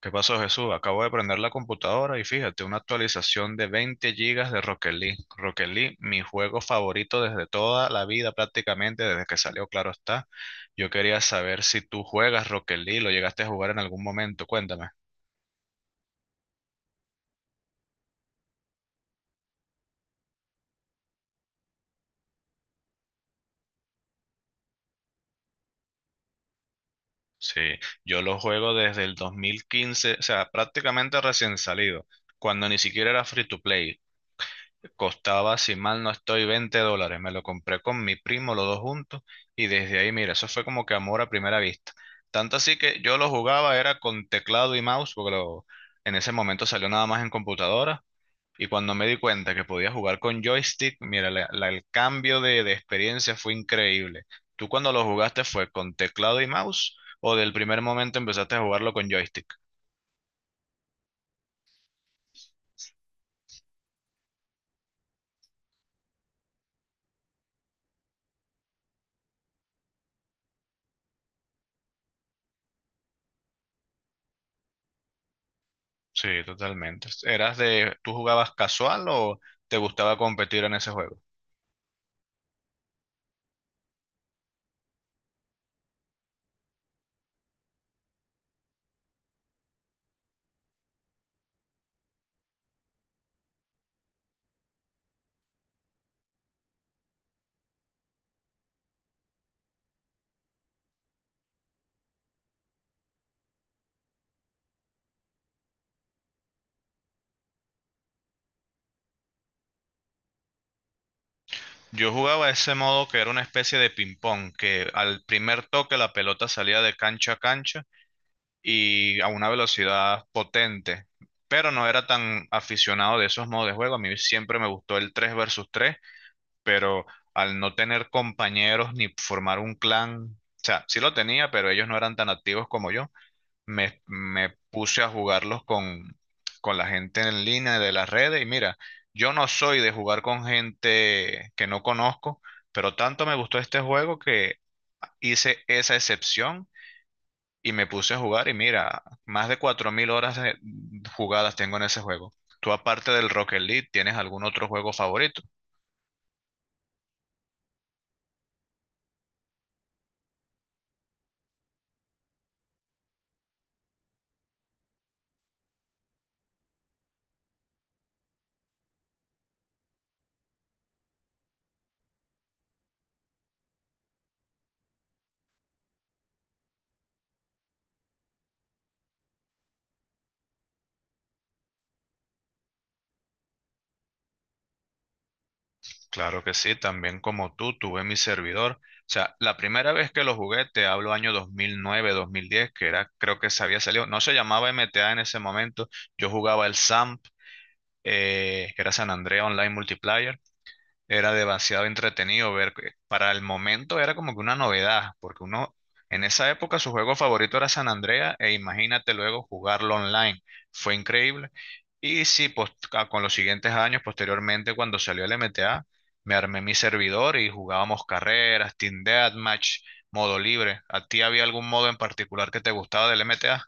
¿Qué pasó, Jesús? Acabo de prender la computadora y fíjate, una actualización de 20 gigas de Rocket League. Rocket League, mi juego favorito desde toda la vida, prácticamente desde que salió, claro está. Yo quería saber si tú juegas Rocket League, lo llegaste a jugar en algún momento, cuéntame. Sí, yo lo juego desde el 2015, o sea, prácticamente recién salido, cuando ni siquiera era free to play. Costaba, si mal no estoy, $20. Me lo compré con mi primo, los dos juntos, y desde ahí, mira, eso fue como que amor a primera vista. Tanto así que yo lo jugaba, era con teclado y mouse, en ese momento salió nada más en computadora. Y cuando me di cuenta que podía jugar con joystick, mira, el cambio de experiencia fue increíble. ¿Tú cuando lo jugaste fue con teclado y mouse o del primer momento empezaste a jugarlo con joystick? Sí, totalmente. ¿Eras de, tú jugabas casual o te gustaba competir en ese juego? Yo jugaba ese modo que era una especie de ping-pong, que al primer toque la pelota salía de cancha a cancha y a una velocidad potente, pero no era tan aficionado de esos modos de juego. A mí siempre me gustó el 3 versus tres, pero al no tener compañeros ni formar un clan, o sea, sí lo tenía, pero ellos no eran tan activos como yo, me puse a jugarlos con la gente en línea de las redes y mira, yo no soy de jugar con gente que no conozco, pero tanto me gustó este juego que hice esa excepción y me puse a jugar y mira, más de 4000 horas jugadas tengo en ese juego. ¿Tú aparte del Rocket League, tienes algún otro juego favorito? Claro que sí, también como tú, tuve mi servidor. O sea, la primera vez que lo jugué, te hablo año 2009, 2010, que era, creo que se había salido, no se llamaba MTA en ese momento, yo jugaba el SAMP, que era San Andrea Online Multiplayer, era demasiado entretenido ver. Que Para el momento era como que una novedad, porque uno en esa época su juego favorito era San Andrea e imagínate luego jugarlo online. Fue increíble. Y sí, con los siguientes años, posteriormente, cuando salió el MTA, me armé mi servidor y jugábamos carreras, Team Deathmatch, modo libre. ¿A ti había algún modo en particular que te gustaba del MTA?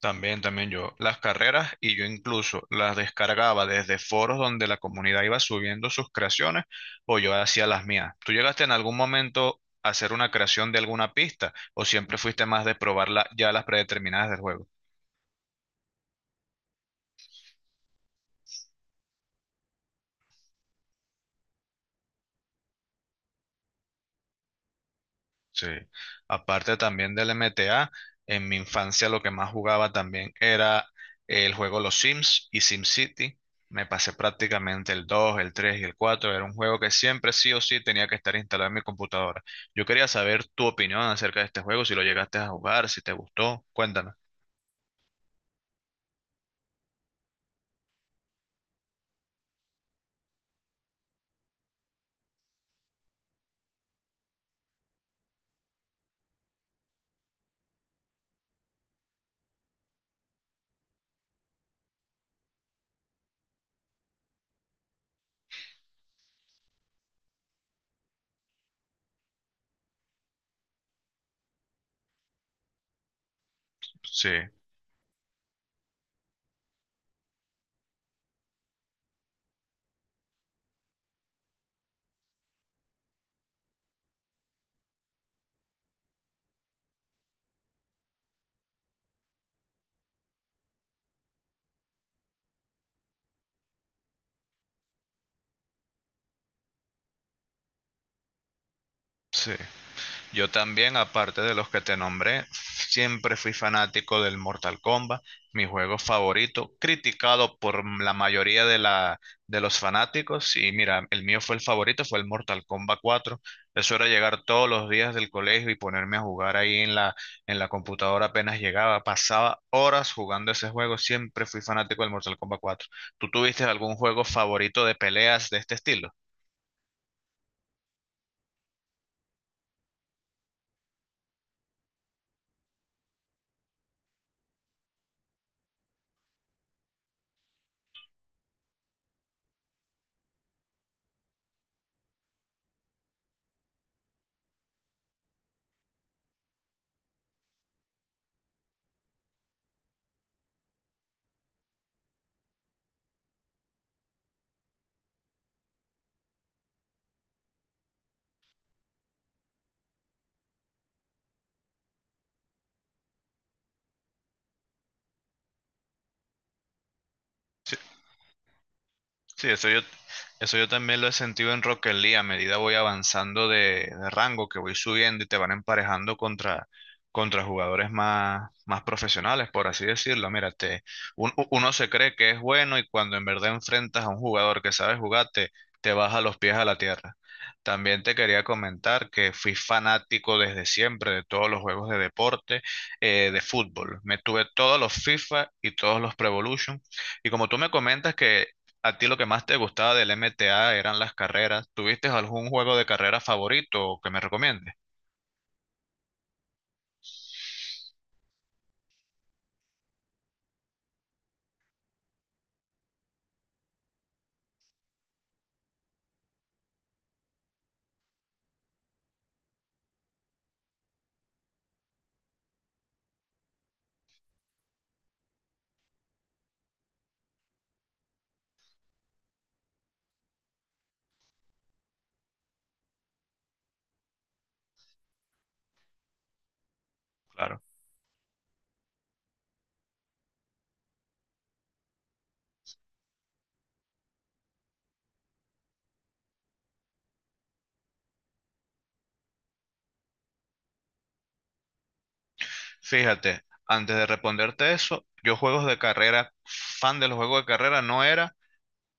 También, también yo, las carreras, y yo incluso las descargaba desde foros donde la comunidad iba subiendo sus creaciones o yo hacía las mías. ¿Tú llegaste en algún momento a hacer una creación de alguna pista o siempre fuiste más de probarla ya las predeterminadas del juego? Sí, aparte también del MTA, en mi infancia lo que más jugaba también era el juego Los Sims y SimCity. Me pasé prácticamente el 2, el 3 y el 4. Era un juego que siempre sí o sí tenía que estar instalado en mi computadora. Yo quería saber tu opinión acerca de este juego, si lo llegaste a jugar, si te gustó. Cuéntame. Sí, sí. Yo también, aparte de los que te nombré, siempre fui fanático del Mortal Kombat, mi juego favorito, criticado por la mayoría de los fanáticos. Y mira, el mío fue el favorito, fue el Mortal Kombat 4. Eso era llegar todos los días del colegio y ponerme a jugar ahí en la computadora apenas llegaba. Pasaba horas jugando ese juego, siempre fui fanático del Mortal Kombat 4. ¿Tú tuviste algún juego favorito de peleas de este estilo? Sí, eso yo también lo he sentido en Rocket League. A medida voy avanzando de rango, que voy subiendo y te van emparejando contra jugadores más profesionales, por así decirlo. Mira, uno se cree que es bueno y cuando en verdad enfrentas a un jugador que sabe jugar, te baja los pies a la tierra. También te quería comentar que fui fanático desde siempre de todos los juegos de deporte, de fútbol. Me tuve todos los FIFA y todos los Pro Evolution. Y como tú me comentas que ¿a ti lo que más te gustaba del MTA eran las carreras? ¿Tuviste algún juego de carrera favorito que me recomiendes? Claro. Fíjate, antes de responderte eso, yo juegos de carrera, fan de los juegos de carrera no era,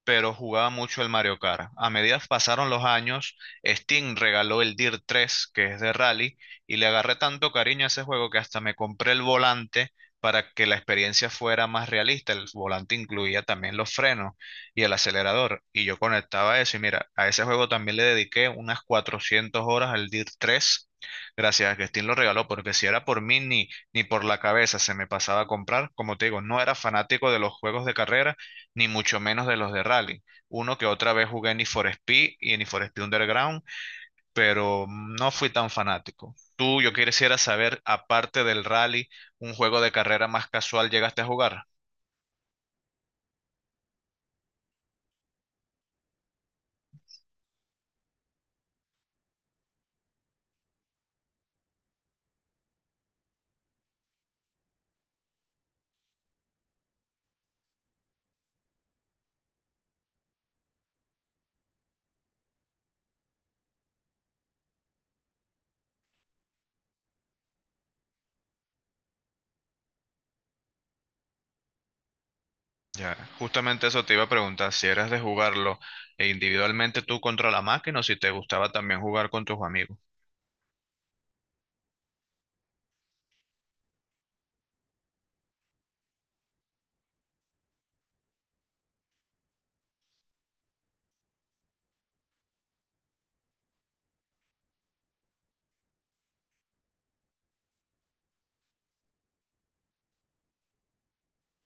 pero jugaba mucho el Mario Kart. A medida que pasaron los años, Steam regaló el DIR 3, que es de rally, y le agarré tanto cariño a ese juego que hasta me compré el volante para que la experiencia fuera más realista. El volante incluía también los frenos y el acelerador, y yo conectaba eso. Y mira, a ese juego también le dediqué unas 400 horas al DIR 3. Gracias a que Steam lo regaló, porque si era por mí ni por la cabeza se me pasaba a comprar. Como te digo, no era fanático de los juegos de carrera, ni mucho menos de los de rally. Uno que otra vez jugué en Need for Speed y en Need for Speed Underground, pero no fui tan fanático. Tú, yo quisiera saber, aparte del rally, un juego de carrera más casual llegaste a jugar. Ya, justamente eso te iba a preguntar, si eras de jugarlo e individualmente tú contra la máquina o si te gustaba también jugar con tus amigos.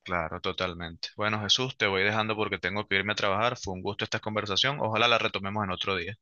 Claro, totalmente. Bueno, Jesús, te voy dejando porque tengo que irme a trabajar. Fue un gusto esta conversación. Ojalá la retomemos en otro día.